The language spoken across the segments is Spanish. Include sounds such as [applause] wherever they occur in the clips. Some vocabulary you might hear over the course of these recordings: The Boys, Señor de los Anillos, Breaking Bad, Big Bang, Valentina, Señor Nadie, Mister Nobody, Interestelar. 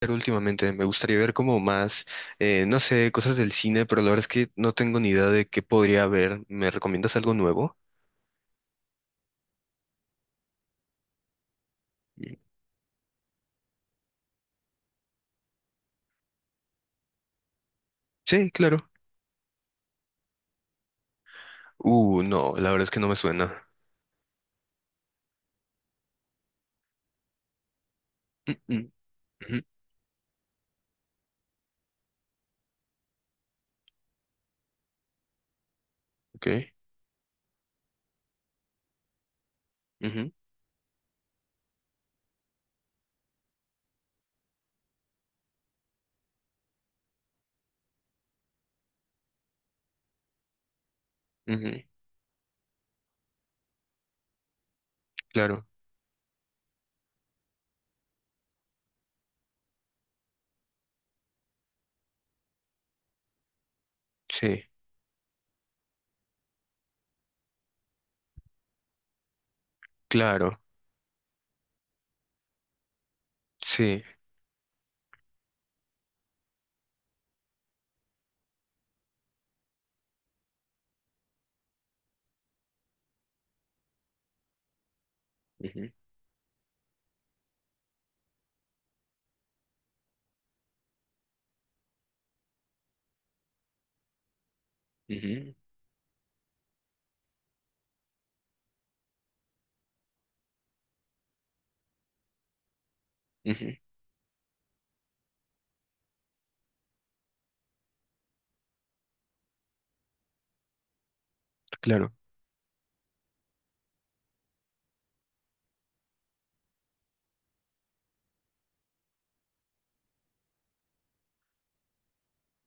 ¿Ver últimamente? Me gustaría ver como más, no sé, cosas del cine, pero la verdad es que no tengo ni idea de qué podría ver. ¿Me recomiendas algo nuevo? Mm. Sí, claro. No, la verdad es que no me suena. Mm, mm, ujú. Ok. Ujú, ujú. Claro. Sí, claro. Sí. Ujú, ujú, ujú. Claro.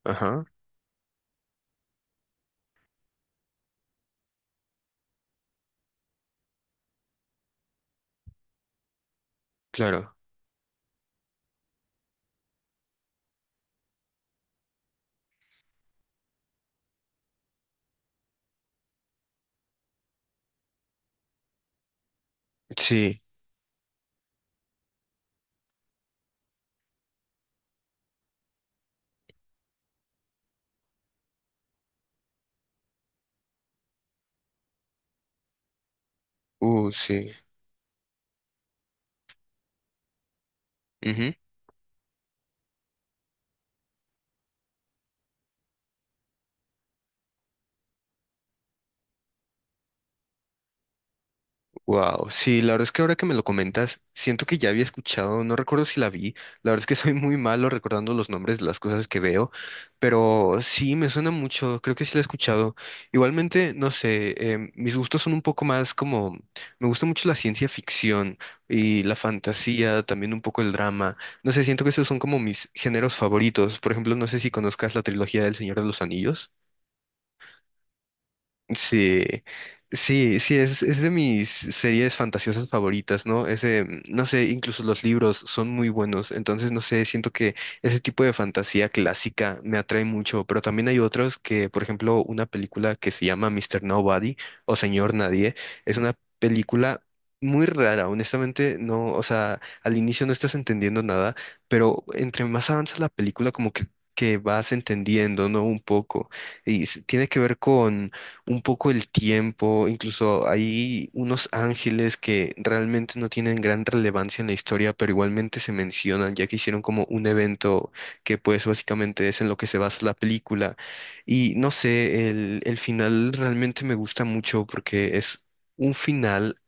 Ajá. Claro. Sí. Sí. Wow, sí, la verdad es que ahora que me lo comentas, siento que ya había escuchado, no recuerdo si la vi, la verdad es que soy muy malo recordando los nombres de las cosas que veo, pero sí, me suena mucho, creo que sí la he escuchado. Igualmente, no sé, mis gustos son un poco más como, me gusta mucho la ciencia ficción y la fantasía, también un poco el drama, no sé, siento que esos son como mis géneros favoritos, por ejemplo, no sé si conozcas la trilogía del Señor de los Anillos. Sí, sí, sí, es de mis series fantasiosas favoritas, ¿no? Ese, no sé, incluso los libros son muy buenos, entonces no sé, siento que ese tipo de fantasía clásica me atrae mucho, pero también hay otros que, por ejemplo, una película que se llama Mister Nobody o Señor Nadie, es una película muy rara, honestamente, no, o sea, al inicio no estás entendiendo nada, pero entre más avanza la película, como que vas entendiendo, ¿no? Un poco. Y tiene que ver con un poco el tiempo, incluso hay unos ángeles que realmente no tienen gran relevancia en la historia, pero igualmente se mencionan, ya que hicieron como un evento que pues básicamente es en lo que se basa la película. Y no sé, el final realmente me gusta mucho porque es un final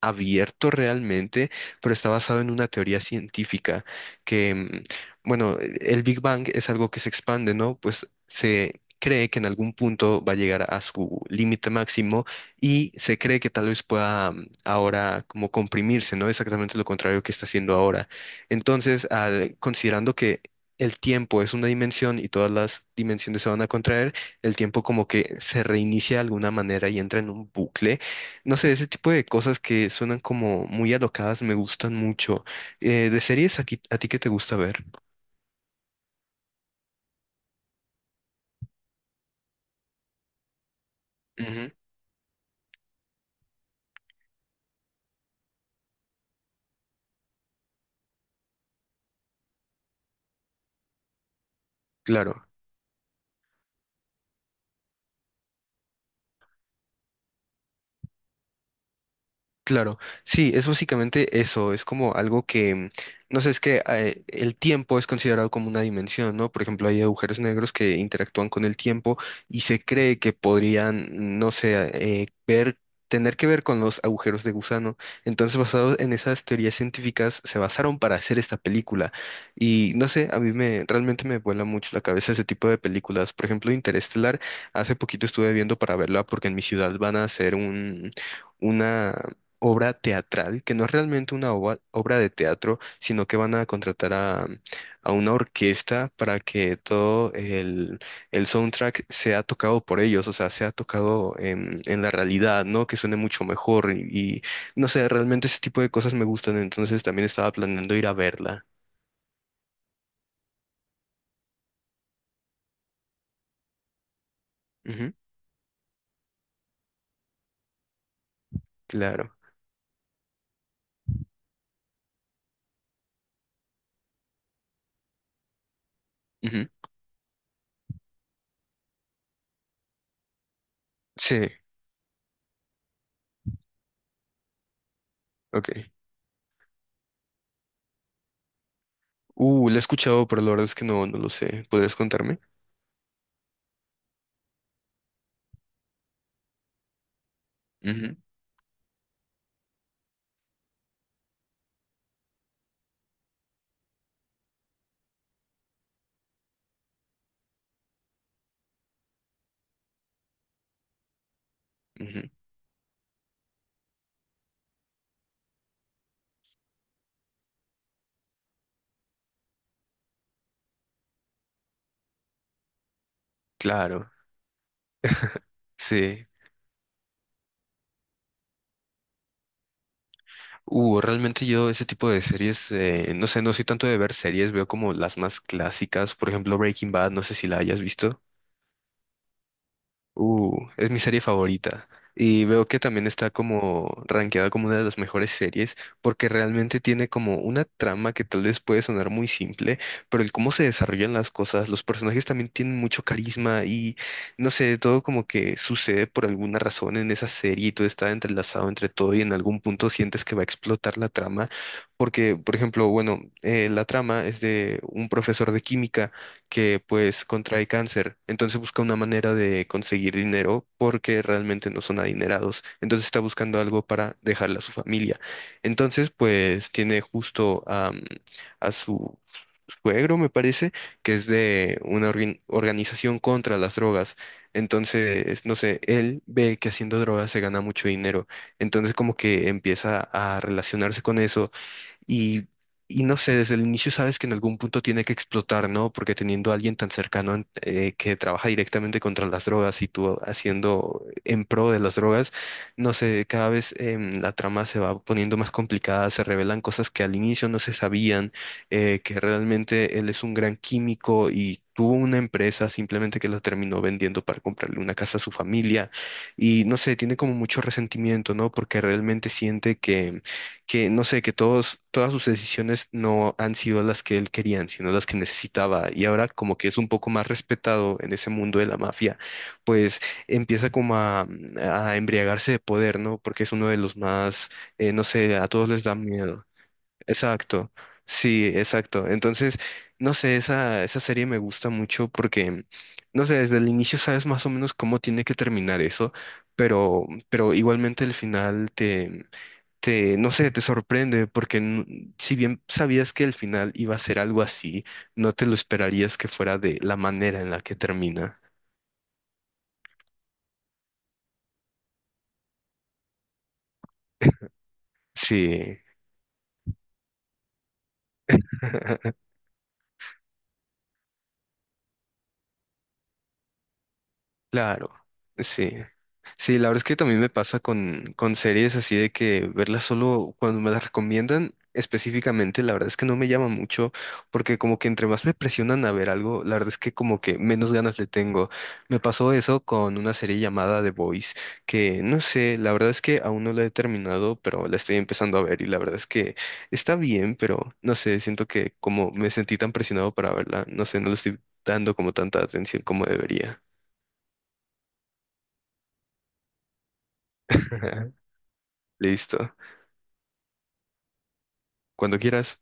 abierto realmente, pero está basado en una teoría científica que, bueno, el Big Bang es algo que se expande, ¿no? Pues se cree que en algún punto va a llegar a su límite máximo y se cree que tal vez pueda ahora como comprimirse, ¿no? Exactamente lo contrario que está haciendo ahora. Entonces, considerando que el tiempo es una dimensión y todas las dimensiones se van a contraer, el tiempo como que se reinicia de alguna manera y entra en un bucle. No sé, ese tipo de cosas que suenan como muy alocadas me gustan mucho. De series, ¿ a ti qué te gusta ver? Ujú. Claro. Claro, sí, es básicamente eso, es como algo que, no sé, es que el tiempo es considerado como una dimensión, ¿no? Por ejemplo, hay agujeros negros que interactúan con el tiempo y se cree que podrían, no sé, ver, tener que ver con los agujeros de gusano. Entonces, basados en esas teorías científicas, se basaron para hacer esta película. Y no sé, a mí me, realmente me vuela mucho la cabeza ese tipo de películas. Por ejemplo, Interestelar, hace poquito estuve viendo para verla porque en mi ciudad van a hacer un una obra teatral, que no es realmente una obra de teatro, sino que van a contratar a una orquesta para que todo el soundtrack sea tocado por ellos, o sea, sea tocado en la realidad, ¿no? Que suene mucho mejor y, y, no sé, realmente ese tipo de cosas me gustan, entonces también estaba planeando ir a verla. Ujú, claro. Ujú. Sí, ok. La he escuchado, pero la verdad es que no, no lo sé. ¿Podrías contarme? Ujú, ujú. Claro, sí. Realmente yo ese tipo de series, no sé, no soy tanto de ver series, veo como las más clásicas, por ejemplo Breaking Bad, no sé si la hayas visto. Es mi serie favorita. Y veo que también está como rankeada como una de las mejores series, porque realmente tiene como una trama que tal vez puede sonar muy simple, pero el cómo se desarrollan las cosas, los personajes también tienen mucho carisma y no sé, todo como que sucede por alguna razón en esa serie y todo está entrelazado entre todo y en algún punto sientes que va a explotar la trama, porque, por ejemplo, bueno, la trama es de un profesor de química que pues contrae cáncer. Entonces busca una manera de conseguir dinero porque realmente no son adinerados. Entonces está buscando algo para dejarle a su familia. Entonces pues tiene justo a su suegro, me parece, que es de una organización contra las drogas. Entonces, no sé, él ve que haciendo drogas se gana mucho dinero. Entonces como que empieza a relacionarse con eso y, no sé, desde el inicio sabes que en algún punto tiene que explotar, ¿no? Porque teniendo a alguien tan cercano que trabaja directamente contra las drogas y tú haciendo en pro de las drogas, no sé, cada vez la trama se va poniendo más complicada, se revelan cosas que al inicio no se sabían, que realmente él es un gran químico y... Tuvo una empresa simplemente que lo terminó vendiendo para comprarle una casa a su familia y no sé, tiene como mucho resentimiento, ¿no? Porque realmente siente que no sé, que todos, todas sus decisiones no han sido las que él quería, sino las que necesitaba. Y ahora como que es un poco más respetado en ese mundo de la mafia, pues empieza como a embriagarse de poder, ¿no? Porque es uno de los más, no sé, a todos les da miedo. Exacto, sí, exacto. Entonces, no sé, esa serie me gusta mucho porque, no sé, desde el inicio sabes más o menos cómo tiene que terminar eso, pero igualmente el final te, no sé, te sorprende porque si bien sabías que el final iba a ser algo así, no te lo esperarías que fuera de la manera en la que termina. Sí. [laughs] Claro, sí. Sí, la verdad es que también me pasa con series así de que verlas solo cuando me las recomiendan específicamente, la verdad es que no me llama mucho, porque como que entre más me presionan a ver algo, la verdad es que como que menos ganas le tengo. Me pasó eso con una serie llamada The Boys, que no sé, la verdad es que aún no la he terminado, pero la estoy empezando a ver y la verdad es que está bien, pero no sé, siento que como me sentí tan presionado para verla, no sé, no le estoy dando como tanta atención como debería. [laughs] Listo. Cuando quieras.